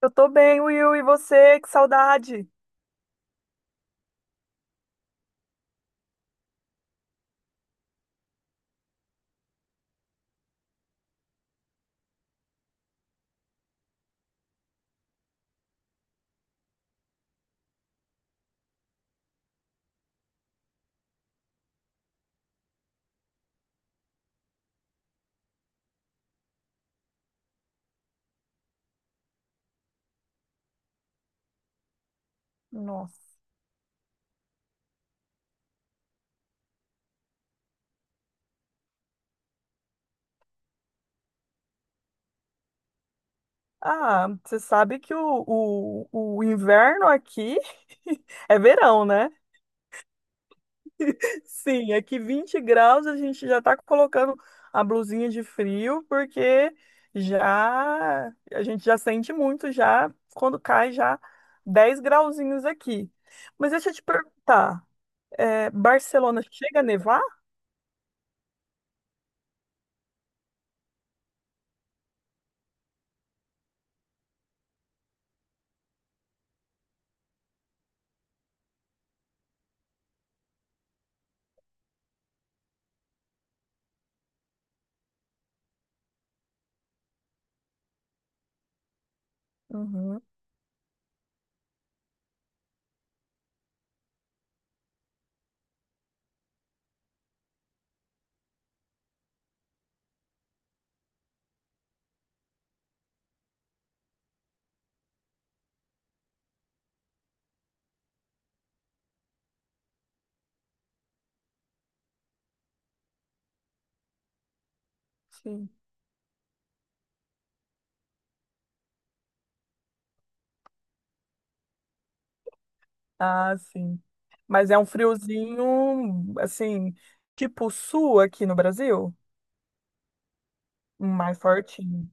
Eu tô bem, Will, e você? Que saudade! Nossa. Ah, você sabe que o inverno aqui é verão, né? Sim, aqui 20 graus a gente já tá colocando a blusinha de frio, porque já a gente já sente muito já quando cai já 10 grauzinhos aqui. Mas deixa eu te perguntar, Barcelona chega a nevar? Uhum, sim. Ah, sim. Mas é um friozinho, assim, tipo sul aqui no Brasil? Mais fortinho.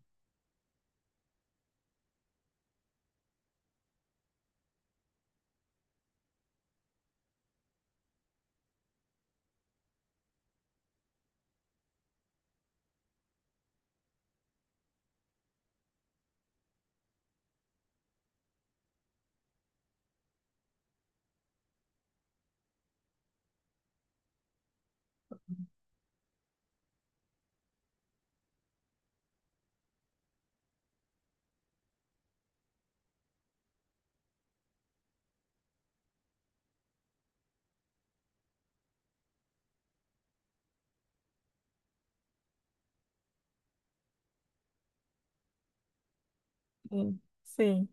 Sim. Sim.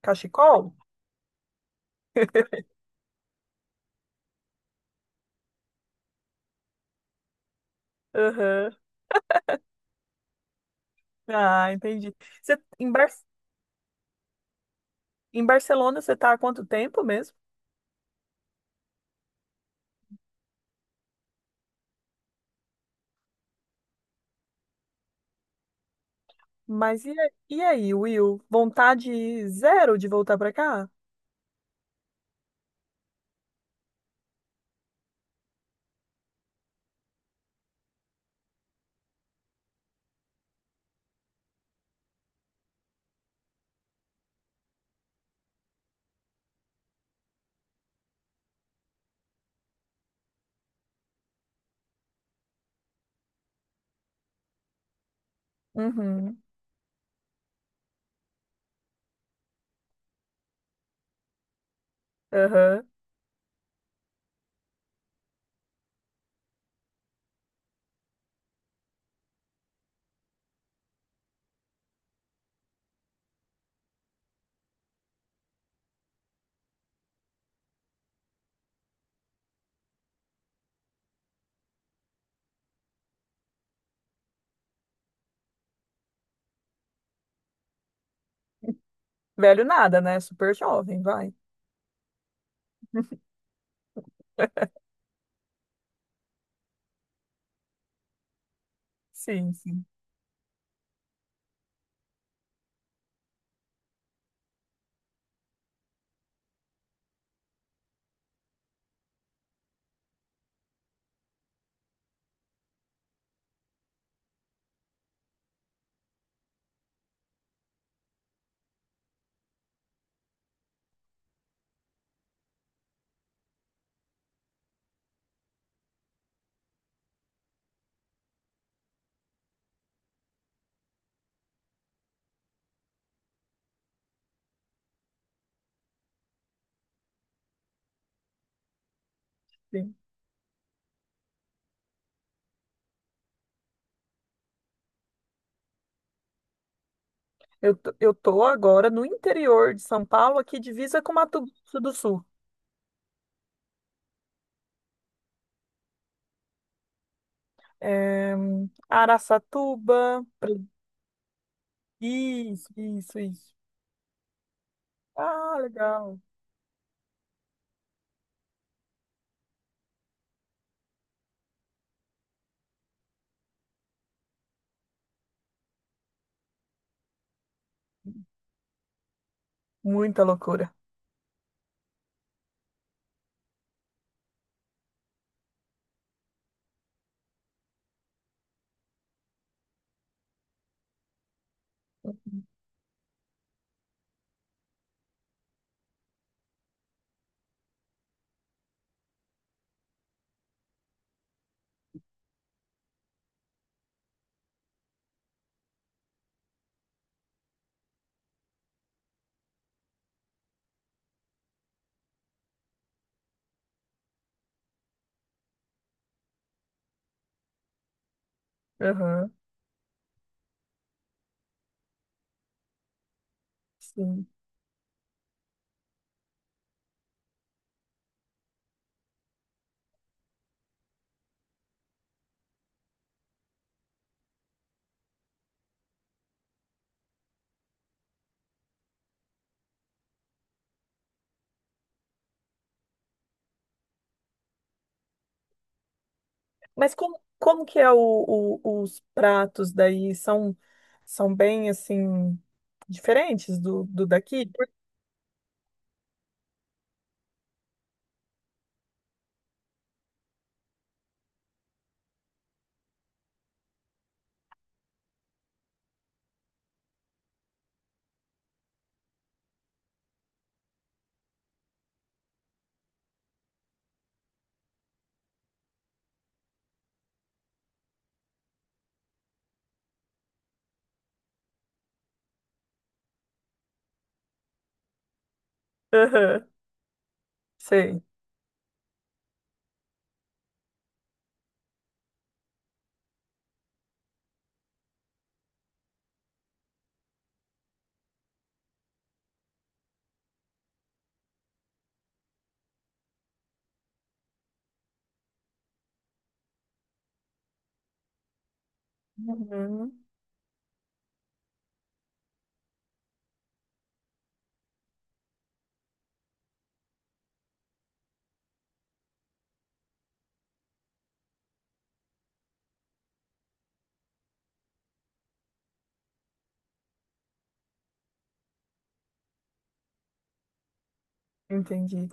Cachecol? Aham. Ah, entendi. Você, em, Bar Em Barcelona você tá há quanto tempo mesmo? Mas e aí, Will? Vontade zero de voltar pra cá? Uhum. Aham. Velho nada, né? Super jovem, vai. Sim, sim, sim. Eu tô agora no interior de São Paulo, aqui divisa com Mato Grosso do Sul. É, Araçatuba, Pre- isso, isso, isso. Ah, legal. Muita loucura. Aham, sim. Mas como que é os pratos daí? São, são bem, assim, diferentes do daqui? Aham, sei. Uhum, entendi.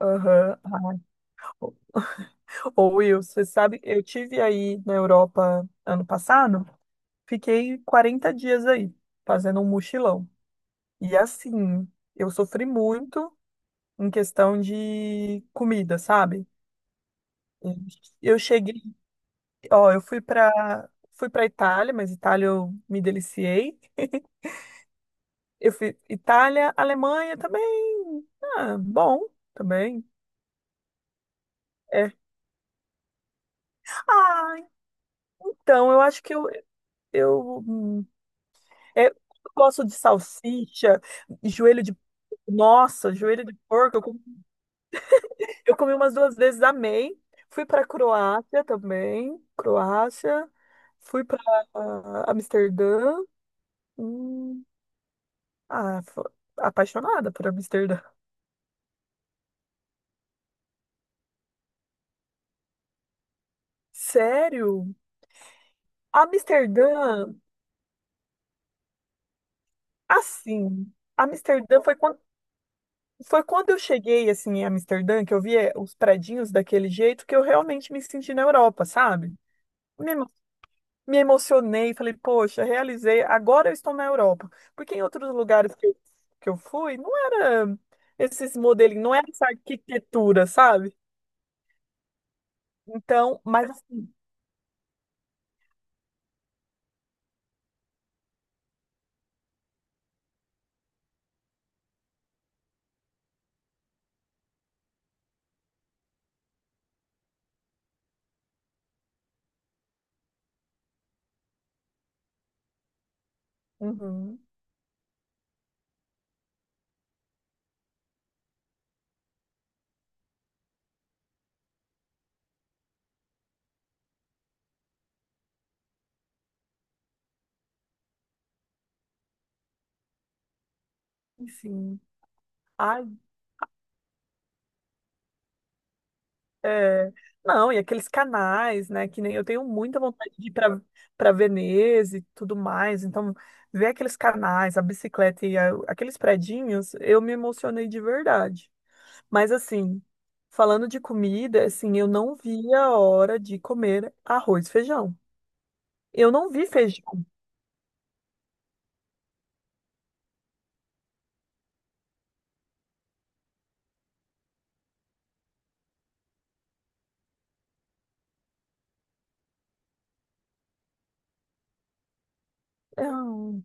Aham. Ah. Ô, Will, você sabe, eu tive aí na Europa ano passado, fiquei 40 dias aí, fazendo um mochilão. E assim, eu sofri muito em questão de comida, sabe? Eu cheguei Ó, eu fui para Fui para Itália, mas Itália eu me deliciei. Eu fui Itália, Alemanha também. Ah, bom também. É. Ah, então eu acho que eu eu, hum, é, eu gosto de salsicha, joelho de nossa, joelho de porco. Eu comi umas duas vezes, amei. Fui para Croácia também, Croácia. Fui para Amsterdã. Hum, ah, fo- Apaixonada por Amsterdã. Sério? Amsterdã, assim, Amsterdã foi quando, Foi quando eu cheguei, assim, em Amsterdã, que eu vi os predinhos daquele jeito, que eu realmente me senti na Europa, sabe? Me, emo- Me emocionei, falei, poxa, realizei, agora eu estou na Europa. Porque em outros lugares que eu fui, não era esses modelos, não era essa arquitetura, sabe? Então, mas assim, uhum, sim. Ai, É, não, e aqueles canais, né? Que nem eu tenho muita vontade de ir para Veneza e tudo mais. Então, ver aqueles canais, a bicicleta e aqueles predinhos, eu me emocionei de verdade. Mas assim, falando de comida, assim, eu não vi a hora de comer arroz e feijão. Eu não vi feijão. Não.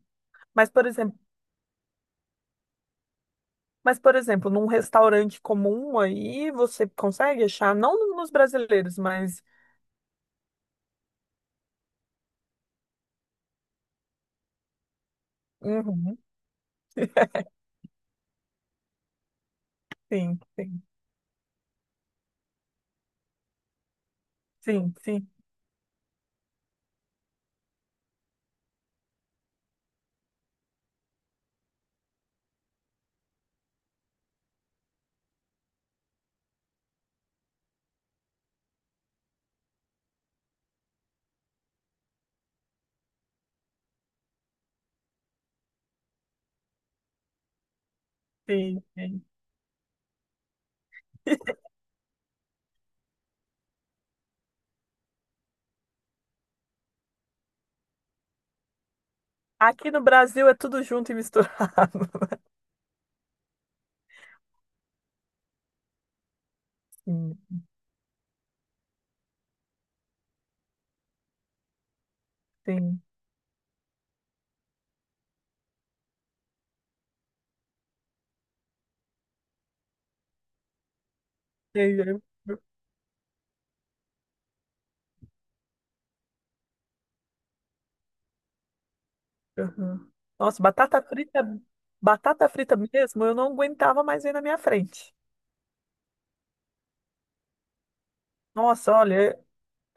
Mas, por exemplo, mas, por exemplo, num restaurante comum aí, você consegue achar, não nos brasileiros, mas. Uhum, sim, sim, sim, sim. Sim, sim. Aqui no Brasil é tudo junto e misturado. Sim, sim. E aí, eu- Uhum. Nossa, batata frita mesmo, eu não aguentava mais ver na minha frente. Nossa, olha,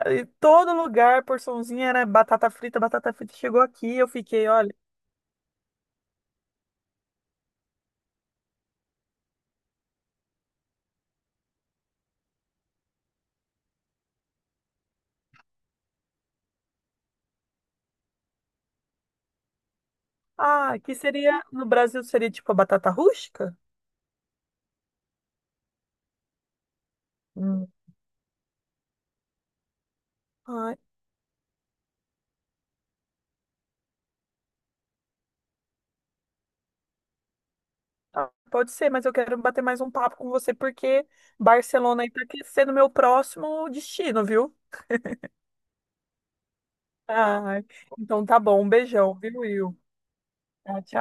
em todo lugar, porçãozinha era batata frita chegou aqui, eu fiquei, olha, ah, que seria, no Brasil seria tipo a batata rústica? Hum. Ai, ah, pode ser, mas eu quero bater mais um papo com você porque Barcelona aí tá aquecendo meu próximo destino, viu? Ai, então tá bom, um beijão, viu, Will? Tchau, tchau.